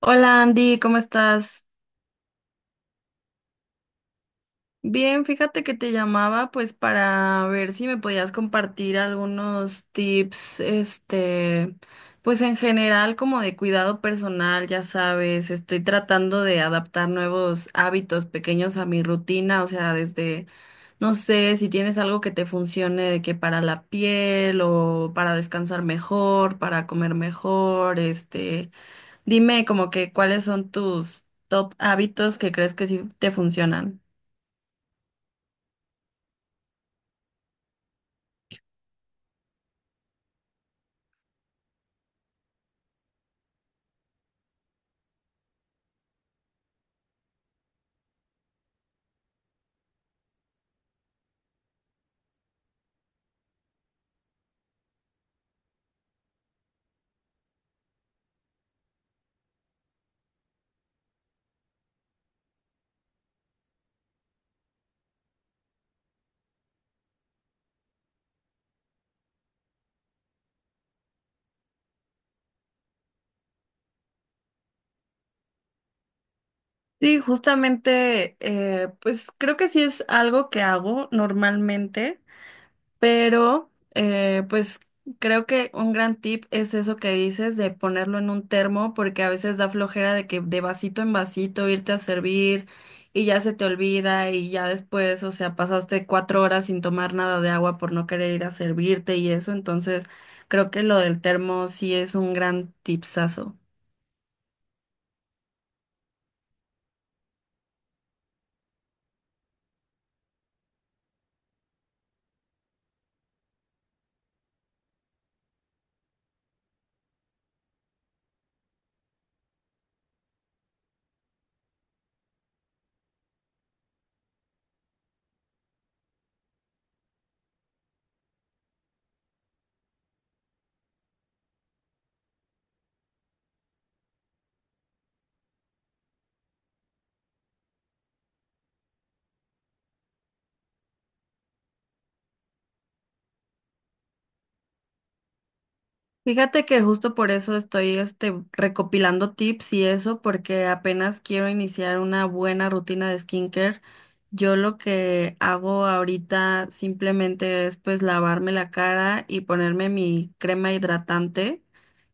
Hola Andy, ¿cómo estás? Bien, fíjate que te llamaba pues para ver si me podías compartir algunos tips, pues en general como de cuidado personal, ya sabes, estoy tratando de adaptar nuevos hábitos pequeños a mi rutina, o sea, no sé, si tienes algo que te funcione de que para la piel o para descansar mejor, para comer mejor. Dime como que cuáles son tus top hábitos que crees que sí te funcionan. Sí, justamente, pues creo que sí es algo que hago normalmente. Pero, pues creo que un gran tip es eso que dices de ponerlo en un termo, porque a veces da flojera de que de vasito en vasito irte a servir y ya se te olvida y ya después, o sea, pasaste 4 horas sin tomar nada de agua por no querer ir a servirte y eso. Entonces, creo que lo del termo sí es un gran tipsazo. Fíjate que justo por eso estoy recopilando tips y eso, porque apenas quiero iniciar una buena rutina de skincare. Yo lo que hago ahorita simplemente es pues lavarme la cara y ponerme mi crema hidratante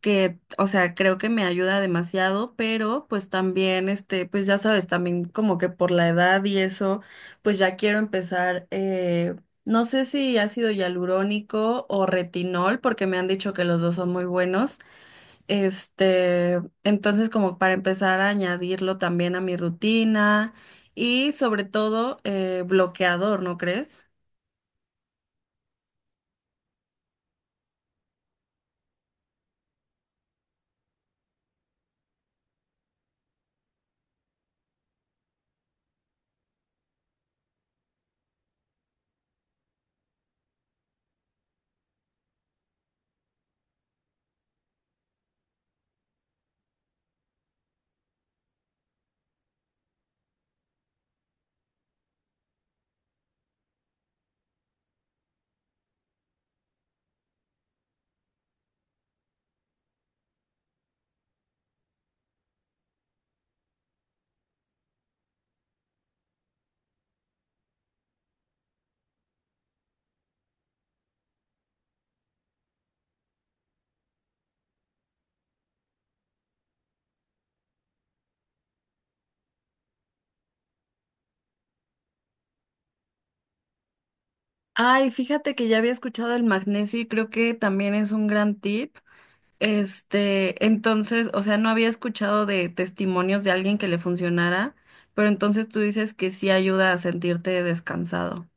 que, o sea, creo que me ayuda demasiado, pero pues también, pues ya sabes, también como que por la edad y eso, pues ya quiero empezar, no sé si ácido hialurónico o retinol, porque me han dicho que los dos son muy buenos, entonces como para empezar a añadirlo también a mi rutina y sobre todo bloqueador, ¿no crees? Ay, fíjate que ya había escuchado el magnesio y creo que también es un gran tip. Entonces, o sea, no había escuchado de testimonios de alguien que le funcionara, pero entonces tú dices que sí ayuda a sentirte descansado.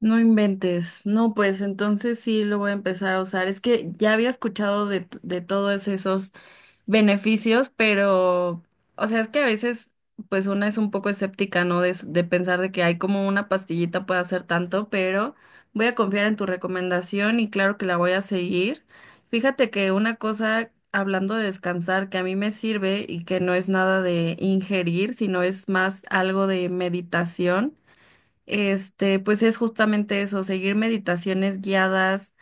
No inventes. No, pues entonces sí lo voy a empezar a usar. Es que ya había escuchado de todos esos beneficios, pero, o sea, es que a veces, pues una es un poco escéptica, ¿no? De pensar de que hay como una pastillita puede hacer tanto, pero voy a confiar en tu recomendación y claro que la voy a seguir. Fíjate que una cosa, hablando de descansar, que a mí me sirve y que no es nada de ingerir, sino es más algo de meditación. Pues es justamente eso, seguir meditaciones guiadas,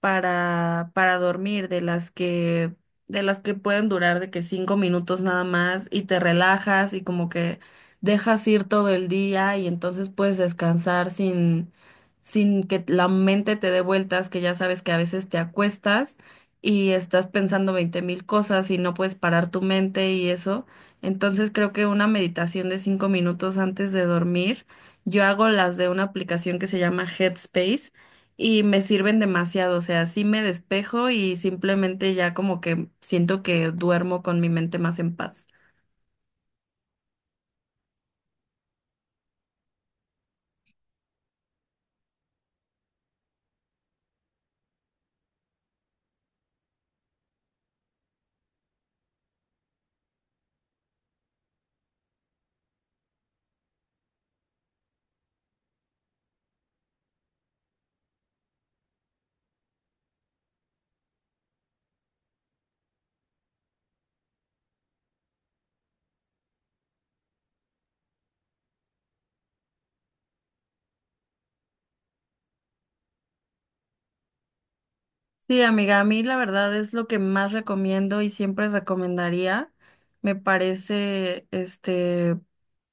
para dormir, de las que pueden durar de que 5 minutos nada más y te relajas y como que dejas ir todo el día y entonces puedes descansar sin que la mente te dé vueltas, que ya sabes que a veces te acuestas y estás pensando veinte mil cosas y no puedes parar tu mente y eso. Entonces creo que una meditación de 5 minutos antes de dormir, yo hago las de una aplicación que se llama Headspace y me sirven demasiado, o sea, sí me despejo y simplemente ya como que siento que duermo con mi mente más en paz. Sí, amiga, a mí la verdad es lo que más recomiendo y siempre recomendaría. Me parece,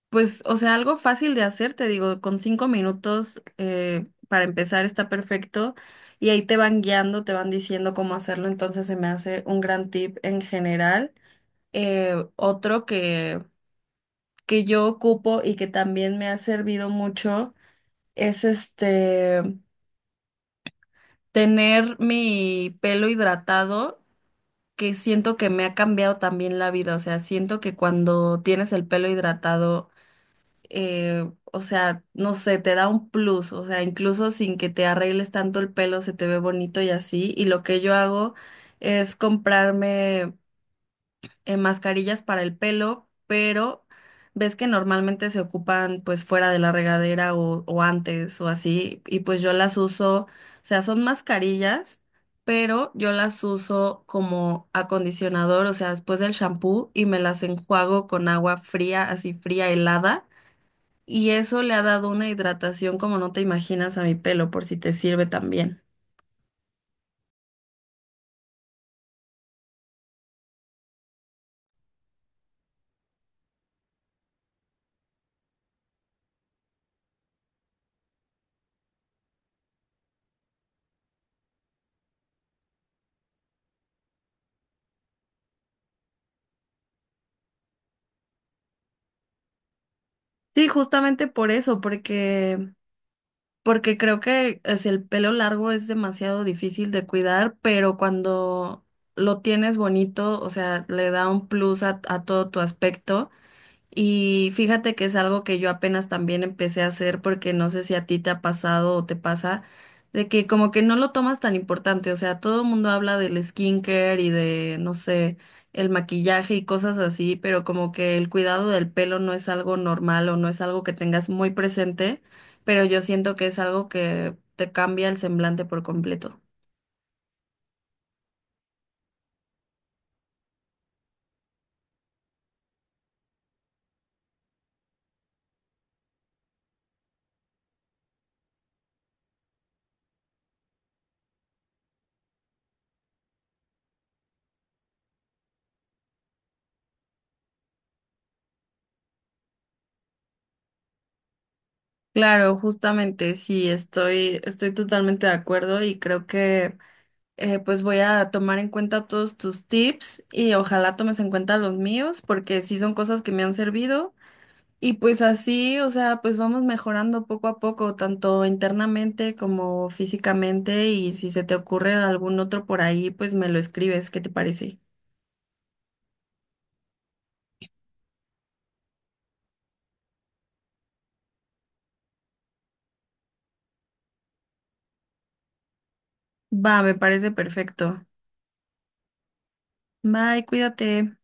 pues, o sea, algo fácil de hacer, te digo, con 5 minutos para empezar está perfecto y ahí te van guiando, te van diciendo cómo hacerlo, entonces se me hace un gran tip en general. Otro que yo ocupo y que también me ha servido mucho es tener mi pelo hidratado, que siento que me ha cambiado también la vida. O sea, siento que cuando tienes el pelo hidratado, o sea, no sé, te da un plus. O sea, incluso sin que te arregles tanto el pelo, se te ve bonito y así. Y lo que yo hago es comprarme, mascarillas para el pelo, pero ves que normalmente se ocupan pues fuera de la regadera o antes o así, y pues yo las uso, o sea, son mascarillas, pero yo las uso como acondicionador, o sea, después del shampoo y me las enjuago con agua fría, así fría, helada, y eso le ha dado una hidratación como no te imaginas a mi pelo, por si te sirve también. Sí, justamente por eso, porque creo que es el pelo largo es demasiado difícil de cuidar, pero cuando lo tienes bonito, o sea, le da un plus a todo tu aspecto. Y fíjate que es algo que yo apenas también empecé a hacer porque no sé si a ti te ha pasado o te pasa, de que como que no lo tomas tan importante, o sea, todo el mundo habla del skincare y de, no sé, el maquillaje y cosas así, pero como que el cuidado del pelo no es algo normal o no es algo que tengas muy presente, pero yo siento que es algo que te cambia el semblante por completo. Claro, justamente, sí, estoy totalmente de acuerdo y creo que pues voy a tomar en cuenta todos tus tips y ojalá tomes en cuenta los míos porque sí son cosas que me han servido y pues así, o sea, pues vamos mejorando poco a poco, tanto internamente como físicamente y si se te ocurre algún otro por ahí, pues me lo escribes, ¿qué te parece? Va, me parece perfecto. Bye, cuídate.